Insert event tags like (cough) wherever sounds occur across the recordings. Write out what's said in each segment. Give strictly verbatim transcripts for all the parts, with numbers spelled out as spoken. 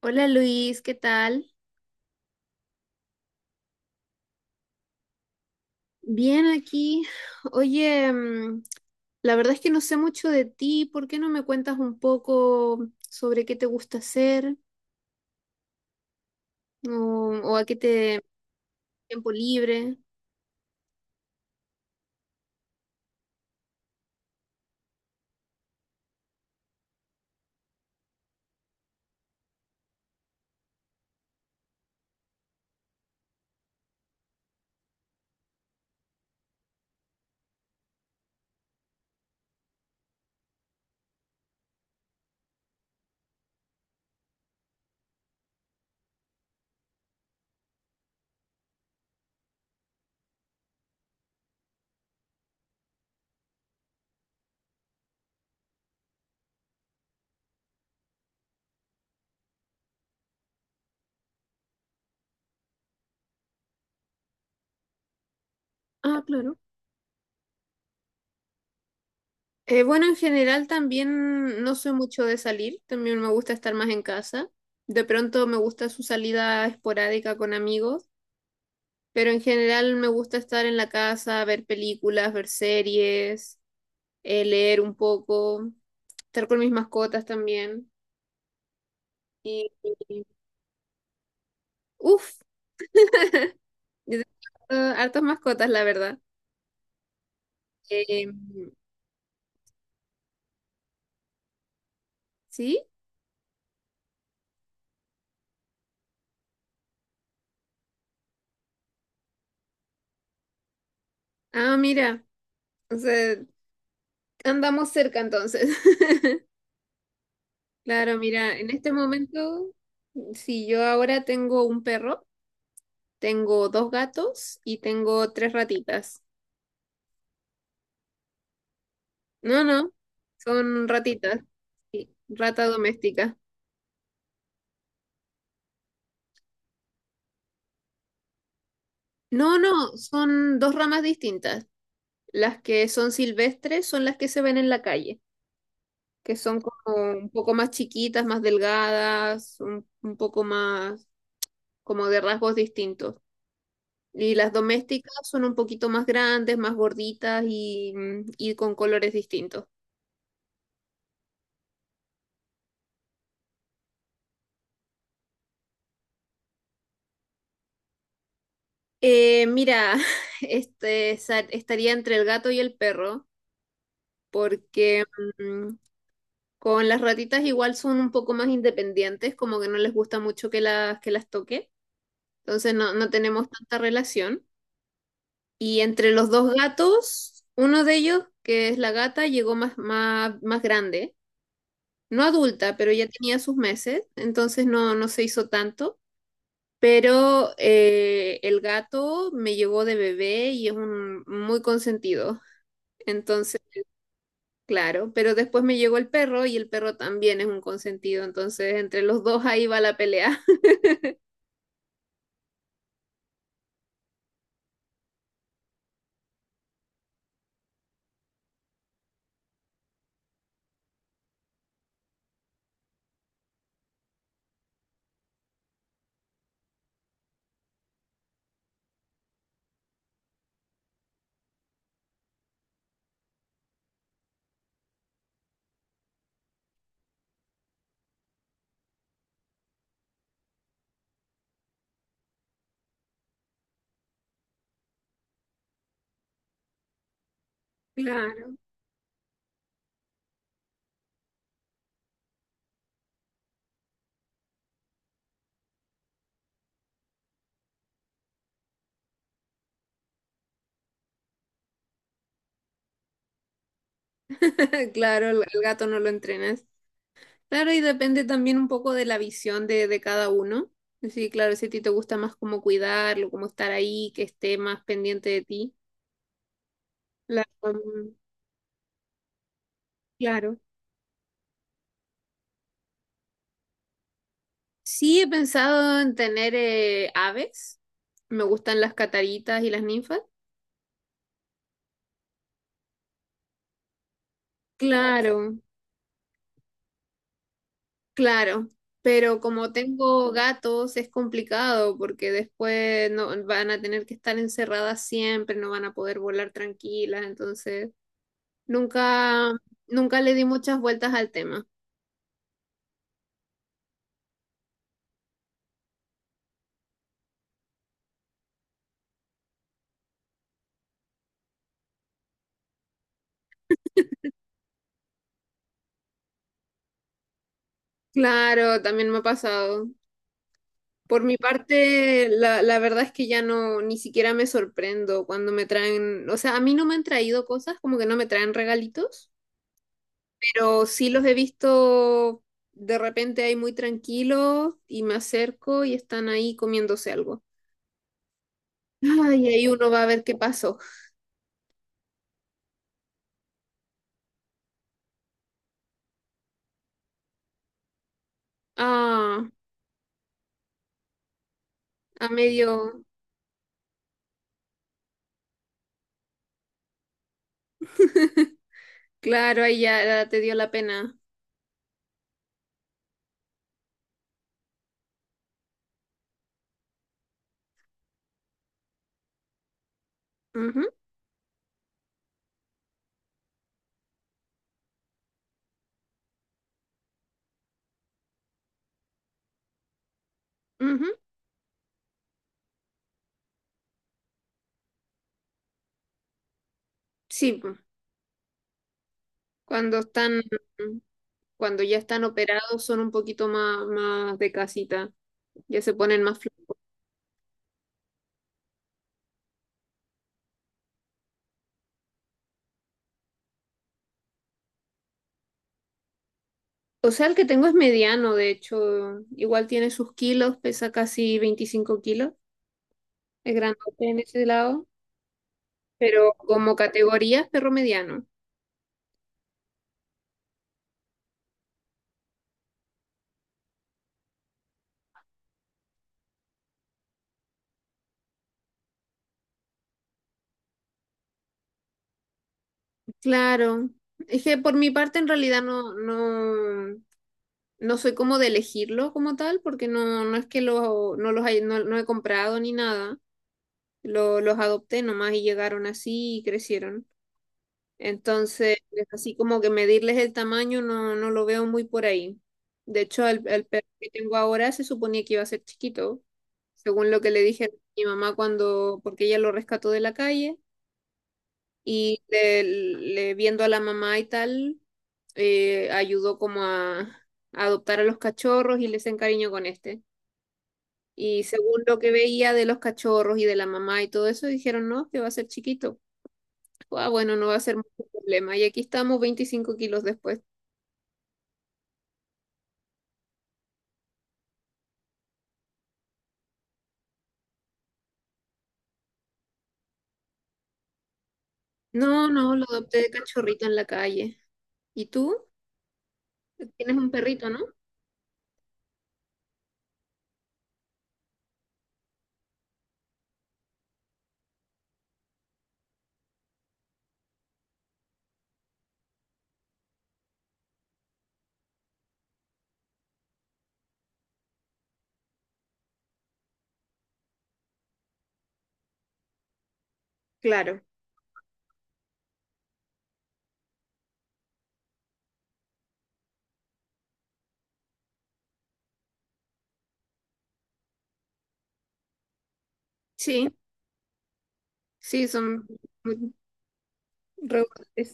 Hola Luis, ¿qué tal? Bien aquí. Oye, mm, la verdad es que no sé mucho de ti. ¿Por qué no me cuentas un poco sobre qué te gusta hacer o, o a qué te tiempo libre? Ah, claro. Eh, bueno, en general también no soy mucho de salir. También me gusta estar más en casa. De pronto me gusta su salida esporádica con amigos, pero en general me gusta estar en la casa, ver películas, ver series, eh, leer un poco. Estar con mis mascotas también. Y, y- uf, (laughs) yo tengo harto- hartas mascotas, la verdad. Eh, ¿Sí? Ah, mira, o sea, andamos cerca entonces. (laughs) Claro, mira, en este momento, si yo ahora tengo un perro, tengo dos gatos y tengo tres ratitas. No, no, son ratitas, sí, rata doméstica. No, no, son dos ramas distintas. Las que son silvestres son las que se ven en la calle. Que son como un poco más chiquitas, más delgadas, un, un poco más como de rasgos distintos. Y las domésticas son un poquito más grandes, más gorditas y, y con colores distintos. Eh, mira, (laughs) este sa- estaría entre el gato y el perro, porque mm, con las ratitas igual son un poco más independientes, como que no les gusta mucho que las que las toque, entonces no, no tenemos tanta relación. Y entre los dos gatos, uno de ellos, que es la gata, llegó más, más, más grande, no adulta, pero ya tenía sus meses, entonces no, no se hizo tanto. Pero eh, el gato me llegó de bebé y es un muy consentido. Entonces, claro, pero después me llegó el perro y el perro también es un consentido. Entonces, entre los dos ahí va la pelea. (laughs) Claro, (laughs) claro, el, el gato no lo entrenas. Claro, y depende también un poco de la visión de, de cada uno. Sí, claro, si a ti te gusta más cómo cuidarlo, cómo estar ahí, que esté más pendiente de ti. La- um, claro. Sí, he pensado en tener eh, aves. Me gustan las cataritas y las ninfas. Claro, claro. Pero como tengo gatos, es complicado porque después no van a tener que estar encerradas siempre, no van a poder volar tranquilas, entonces. Nunca, nunca le di muchas vueltas al tema. Claro, también me ha pasado. Por mi parte, la, la verdad es que ya no, ni siquiera me sorprendo cuando me traen, o sea, a mí no me han traído cosas, como que no me traen regalitos, pero sí los he visto de repente ahí muy tranquilos y me acerco y están ahí comiéndose algo. Ay, ahí uno va a ver qué pasó. Ah, a medio, claro, ahí ya te dio la pena. Ujú, ujú. Sí, Cuando están, cuando ya están operados, son un poquito más, más de casita, ya se ponen más flacos. O sea, el que tengo es mediano, de hecho, igual tiene sus kilos, pesa casi veinticinco kilos, es grandote en ese lado, pero como categoría es perro mediano. Claro, es que por mi parte en realidad no, no, no soy como de elegirlo como tal, porque no, no es que lo, no los hay- no, no he comprado ni nada, lo- los adopté nomás y llegaron así y crecieron. Entonces, así como que medirles el tamaño no, no lo veo muy por ahí. De hecho, el, el perro que tengo ahora se suponía que iba a ser chiquito, según lo que le dije a mi mamá cuando, porque ella lo rescató de la calle y le, le- viendo a la mamá y tal, eh, ayudó como a, a adoptar a los cachorros y les encariñó con este. Y según lo que veía de los cachorros y de la mamá y todo eso, dijeron, no, que va a ser chiquito. Ah, bueno, no va a ser mucho problema. Y aquí estamos veinticinco kilos después. No, no, lo adopté de cachorrito en la calle. ¿Y tú? Tienes un perrito, ¿no? Claro, sí, sí, son muy rebotes.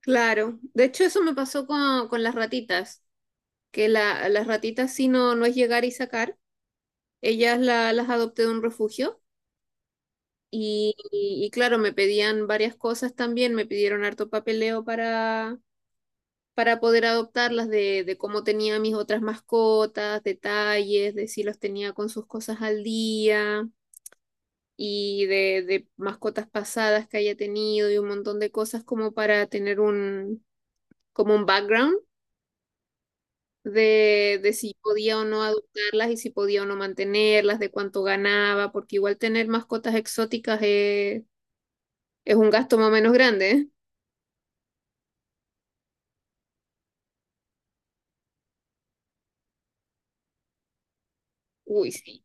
Claro, de hecho eso me pasó con, con, las ratitas, que la, las ratitas sí no, no es llegar y sacar, ellas la- las adopté de un refugio y, y, y claro, me pedían varias cosas también, me pidieron harto papeleo para, para poder adoptarlas, de, de cómo tenía mis otras mascotas, detalles, de si los tenía con sus cosas al día. Y de, de mascotas pasadas que haya tenido y un montón de cosas como para tener un, como un background de, de si podía o no adoptarlas y si podía o no mantenerlas, de cuánto ganaba, porque igual tener mascotas exóticas es, es un gasto más o menos grande, ¿eh? Uy, sí.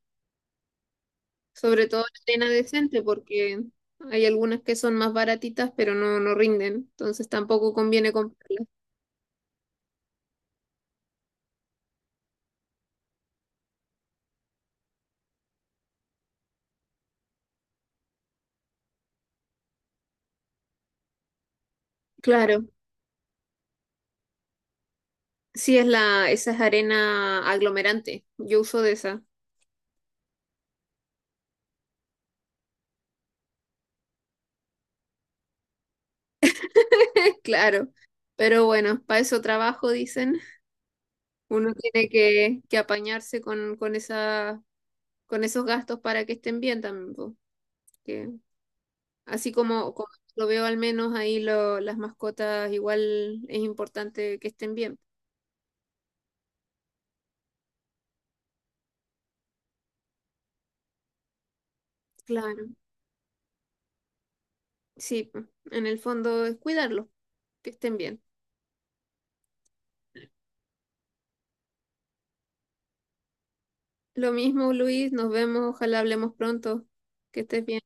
Sobre todo arena decente, porque hay algunas que son más baratitas, pero no, no rinden, entonces tampoco conviene comprarlas. Claro. Sí, es la, esa es arena aglomerante. Yo uso de esa. (laughs) Claro, pero bueno, para eso trabajo, dicen. Uno tiene que, que apañarse con, con esa, con esos gastos para que estén bien también. Po. Que, así como, como lo veo al menos ahí lo, las mascotas, igual es importante que estén bien. Claro, sí, po. En el fondo es cuidarlos, que estén bien. Lo mismo, Luis, nos vemos, ojalá hablemos pronto, que estés bien.